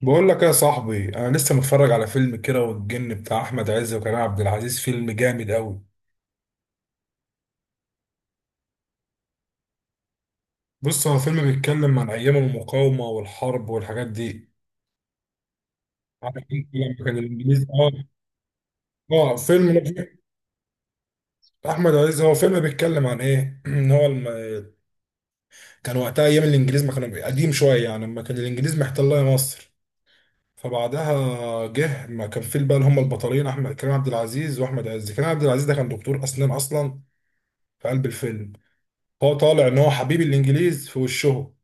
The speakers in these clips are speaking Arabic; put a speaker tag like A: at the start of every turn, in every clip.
A: بقول لك يا صاحبي، انا لسه متفرج على فيلم كيرة والجن بتاع احمد عز وكريم عبد العزيز. فيلم جامد قوي. بص، هو فيلم بيتكلم عن ايام المقاومه والحرب والحاجات دي. عارف انت لما كان الانجليز؟ اه اه فيلم. احمد عز هو فيلم بيتكلم عن ايه ان هو الم... كان وقتها ايام الانجليز، ما كانوا قديم شويه يعني، لما كان الانجليز محتله مصر. فبعدها جه، ما كان في بقى هم البطلين، احمد كريم عبد العزيز واحمد عز. كريم عبد العزيز ده كان دكتور اسنان اصلا في قلب الفيلم. هو طالع ان هو حبيب الانجليز في وشهم،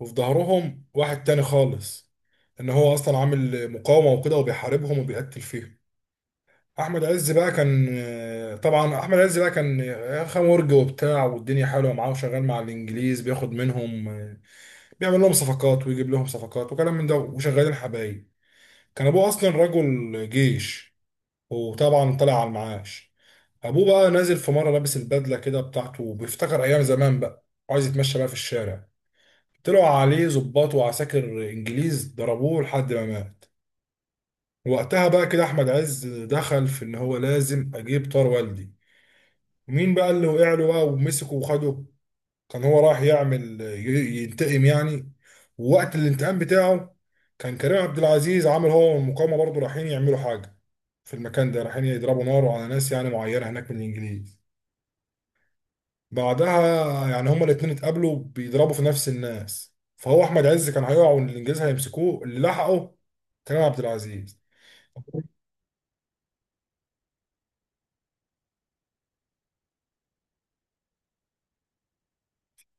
A: وفي ظهرهم واحد تاني خالص، ان هو اصلا عامل مقاومه وكده، وبيحاربهم وبيقتل فيهم. احمد عز بقى كان، طبعا احمد عز بقى كان خمرج وبتاع، والدنيا حلوه معاه، وشغال مع الانجليز، بياخد منهم، بيعمل لهم صفقات ويجيب لهم صفقات وكلام من ده، وشغالين حبايب. كان ابوه اصلا رجل جيش، وطبعا طلع على المعاش. ابوه بقى نازل في مره لابس البدله كده بتاعته، وبيفتكر ايام زمان بقى، وعايز يتمشى بقى في الشارع. طلعوا عليه ضباط وعساكر انجليز، ضربوه لحد ما مات. وقتها بقى كده احمد عز دخل في ان هو لازم اجيب طار والدي، ومين بقى اللي وقع له بقى ومسكه وخده. كان هو رايح يعمل ينتقم يعني. ووقت الانتقام بتاعه، كان كريم عبد العزيز عامل هو والمقاومة برضه رايحين يعملوا حاجة. في المكان ده رايحين يضربوا نار على ناس يعني معينة هناك من الانجليز. بعدها، يعني هما الاتنين اتقابلوا بيضربوا في نفس الناس، فهو احمد عز كان هيقع والانجليز هيمسكوه، اللي لحقه كريم عبد العزيز.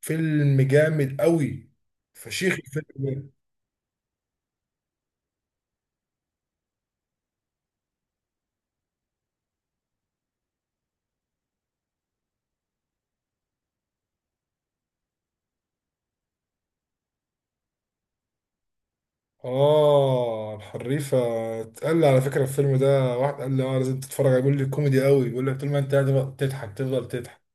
A: فيلم جامد قوي. فشيخ الفيلم ده. اه الحريفه، اتقال لي على فكره الفيلم ده، واحد قال لي اه لازم تتفرج عليه. بيقول لي كوميدي قوي، بيقول لك طول ما انت قاعد بقى تضحك تفضل تضحك.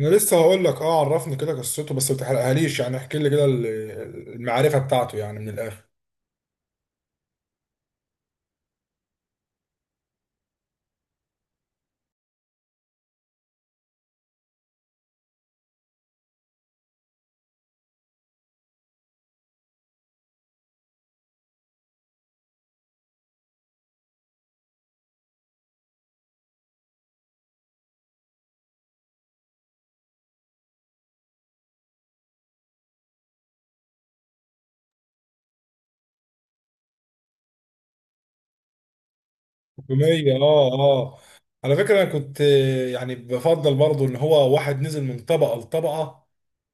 A: انا لسه هقول لك، اه عرفني كده قصته، بس ما تحرقهاليش، يعني احكي لي كده المعرفه بتاعته يعني من الاخر. تومية، اه اه. على فكرة انا كنت يعني بفضل برضو ان هو واحد نزل من طبقة لطبقة،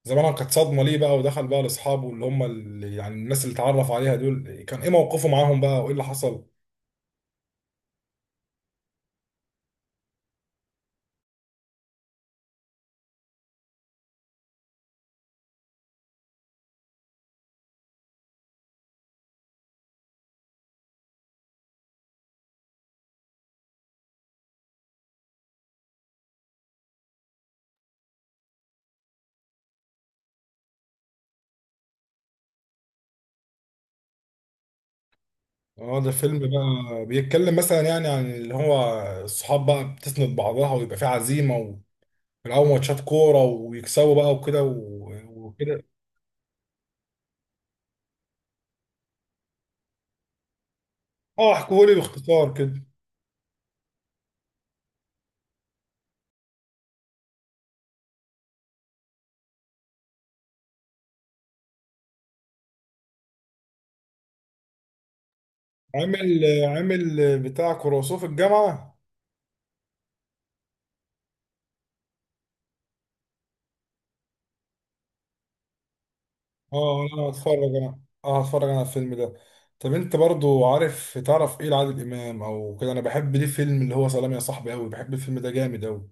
A: زمانها كانت صدمة ليه بقى. ودخل بقى لاصحابه اللي هم اللي يعني، الناس اللي اتعرف عليها دول كان ايه موقفه معاهم بقى وايه اللي حصل؟ اه ده فيلم بقى بيتكلم مثلا يعني عن اللي هو الصحاب بقى بتسند بعضها، ويبقى في عزيمة، ويلعبوا ماتشات كورة ويكسبوا بقى وكده وكده. اه احكوا لي باختصار كده. عامل عامل بتاع كروسوف الجامعة. اه انا هتفرج انا. اه هتفرج انا على الفيلم ده. طب انت برضو عارف، تعرف ايه لعادل امام او كده؟ انا بحب ليه فيلم اللي هو سلام يا صاحبي قوي، بحب الفيلم ده جامد قوي.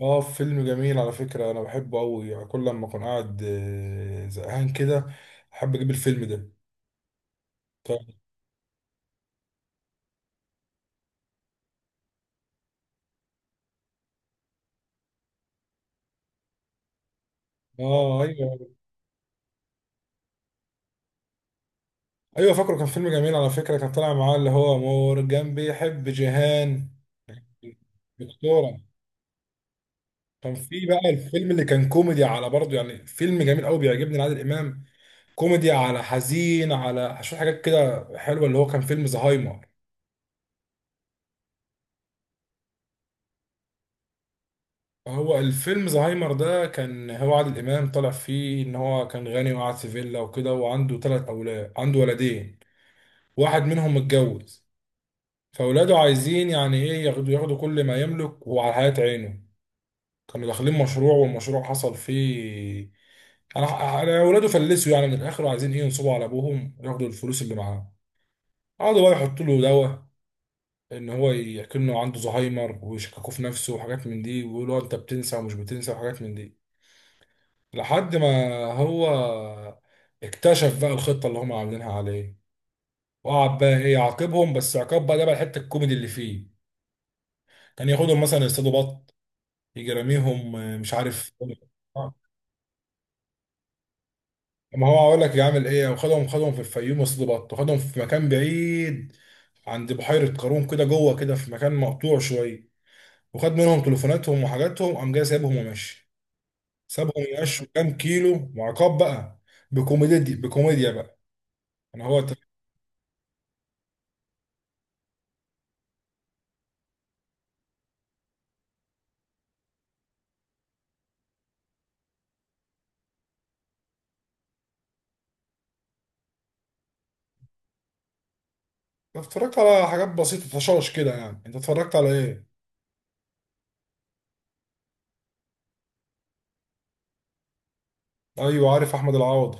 A: اه فيلم جميل على فكرة، انا بحبه قوي. يعني كل لما اكون قاعد زهقان كده احب اجيب الفيلم ده. طب. اه ايوه. ايوه فاكره، كان فيلم جميل على فكرة، كان طالع معاه اللي هو مورجان بيحب جيهان دكتورة. كان في بقى الفيلم اللي كان كوميدي على برضه، يعني فيلم جميل قوي بيعجبني لعادل امام. كوميدي على حزين على شوية حاجات كده حلوة، اللي هو كان فيلم زهايمر. هو الفيلم زهايمر ده، كان هو عادل إمام طلع فيه إن هو كان غني وقاعد في فيلا وكده، وعنده تلات أولاد، عنده ولدين واحد منهم متجوز. فأولاده عايزين يعني إيه، ياخدوا كل ما يملك وعلى حياة عينه. كانوا داخلين مشروع، والمشروع حصل فيه أنا أنا أولاده فلسوا يعني من الآخر، وعايزين إيه ينصبوا على أبوهم ياخدوا الفلوس اللي معاه. قعدوا بقى يحطوا له دواء ان هو يكنه عنده زهايمر، ويشككوا في نفسه وحاجات من دي، ويقولوا انت بتنسى ومش بتنسى وحاجات من دي. لحد ما هو اكتشف بقى الخطة اللي هم عاملينها عليه، وقعد بقى ايه يعاقبهم، بس عقاب بقى، ده بقى الحتة الكوميدي اللي فيه. كان ياخدهم مثلا يصطادوا بط، يجي راميهم مش عارف. آه. ما هو هقول لك يعمل ايه، وخدهم في الفيوم يصطادوا بط، وخدهم في مكان بعيد عند بحيرة قارون كده جوه، كده في مكان مقطوع شوية. وخد منهم تليفوناتهم وحاجاتهم، قام جاي سايبهم وماشي. سابهم يمشوا كام كيلو، وعقاب بقى، بكوميديا دي، بكوميديا بقى. انا هو ت- اتفرجت على حاجات بسيطه طشاش كده يعني. انت اتفرجت على ايه؟ ايوه عارف احمد العوضي.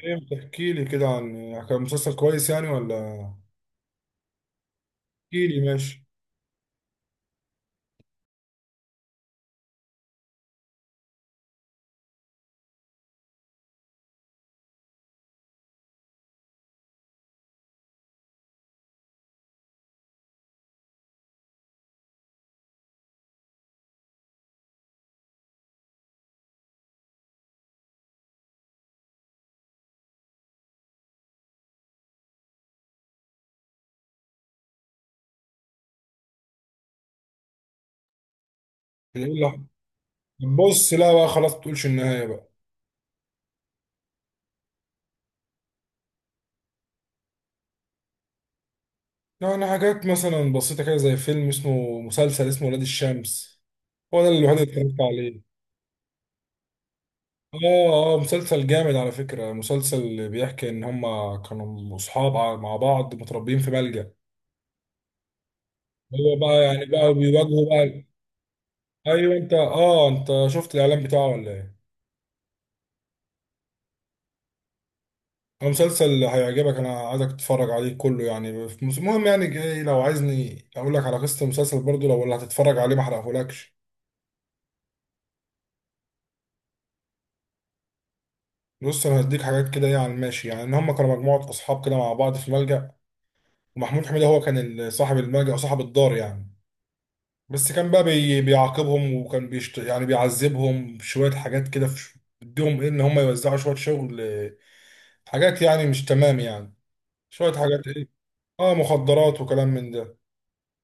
A: ايه ما تحكي لي كده عن، كان مسلسل كويس يعني ولا؟ احكي لي، ماشي. ايه اللي، بص لا بقى خلاص ما تقولش النهايه بقى. يعني حاجات مثلا بسيطه كده زي فيلم اسمه، مسلسل اسمه ولاد الشمس. هو ده الوحيد اللي اتفرجت عليه. اه مسلسل جامد على فكرة. مسلسل بيحكي ان هما كانوا اصحاب مع بعض متربيين في بلجا. هو بقى يعني بقى بيواجهوا بقى. ايوه انت، اه انت شفت الاعلان بتاعه ولا ايه؟ هو مسلسل هيعجبك، انا عايزك تتفرج عليه كله. يعني في المهم يعني، جاي لو عايزني اقول لك على قصة المسلسل برضو، لو اللي هتتفرج عليه ما احرقهولكش. بص انا هديك حاجات كده يعني، ماشي. يعني ان هما كانوا مجموعة اصحاب كده مع بعض في ملجأ، ومحمود حميدة هو كان صاحب الملجأ وصاحب الدار يعني. بس كان بقى بيعاقبهم، وكان يعني بيعذبهم بشوية حاجات كده، في... بديهم ايه ان هم يوزعوا شوية شغل، حاجات يعني مش تمام يعني، شوية حاجات ايه، اه مخدرات وكلام من ده.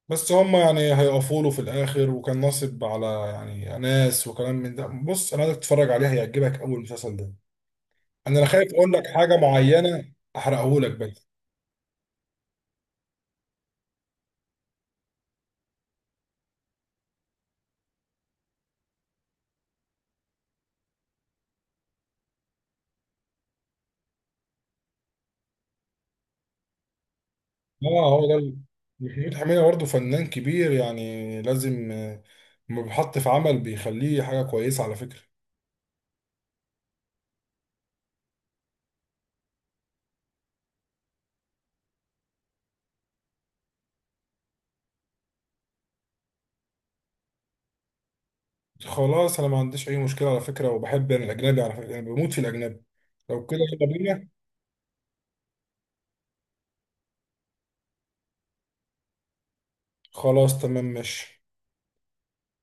A: بس هم يعني هيقفوا له في الاخر، وكان ناصب على يعني ناس وكلام من ده. بص انا عايزك تتفرج عليه هيعجبك اول المسلسل ده. انا لا، خايف اقول لك حاجة معينة احرقه لك بقى. اه هو ده محمود حميدة برضه فنان كبير يعني، لازم لما بيحط في عمل بيخليه حاجة كويسة على فكرة. خلاص أنا ما عنديش أي مشكلة على فكرة، وبحب أنا الأجنبي على فكرة، أنا بموت في الأجنبي. لو كده يلا بينا. خلاص تمام ماشي.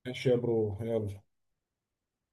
A: ماشي يا برو، يلا.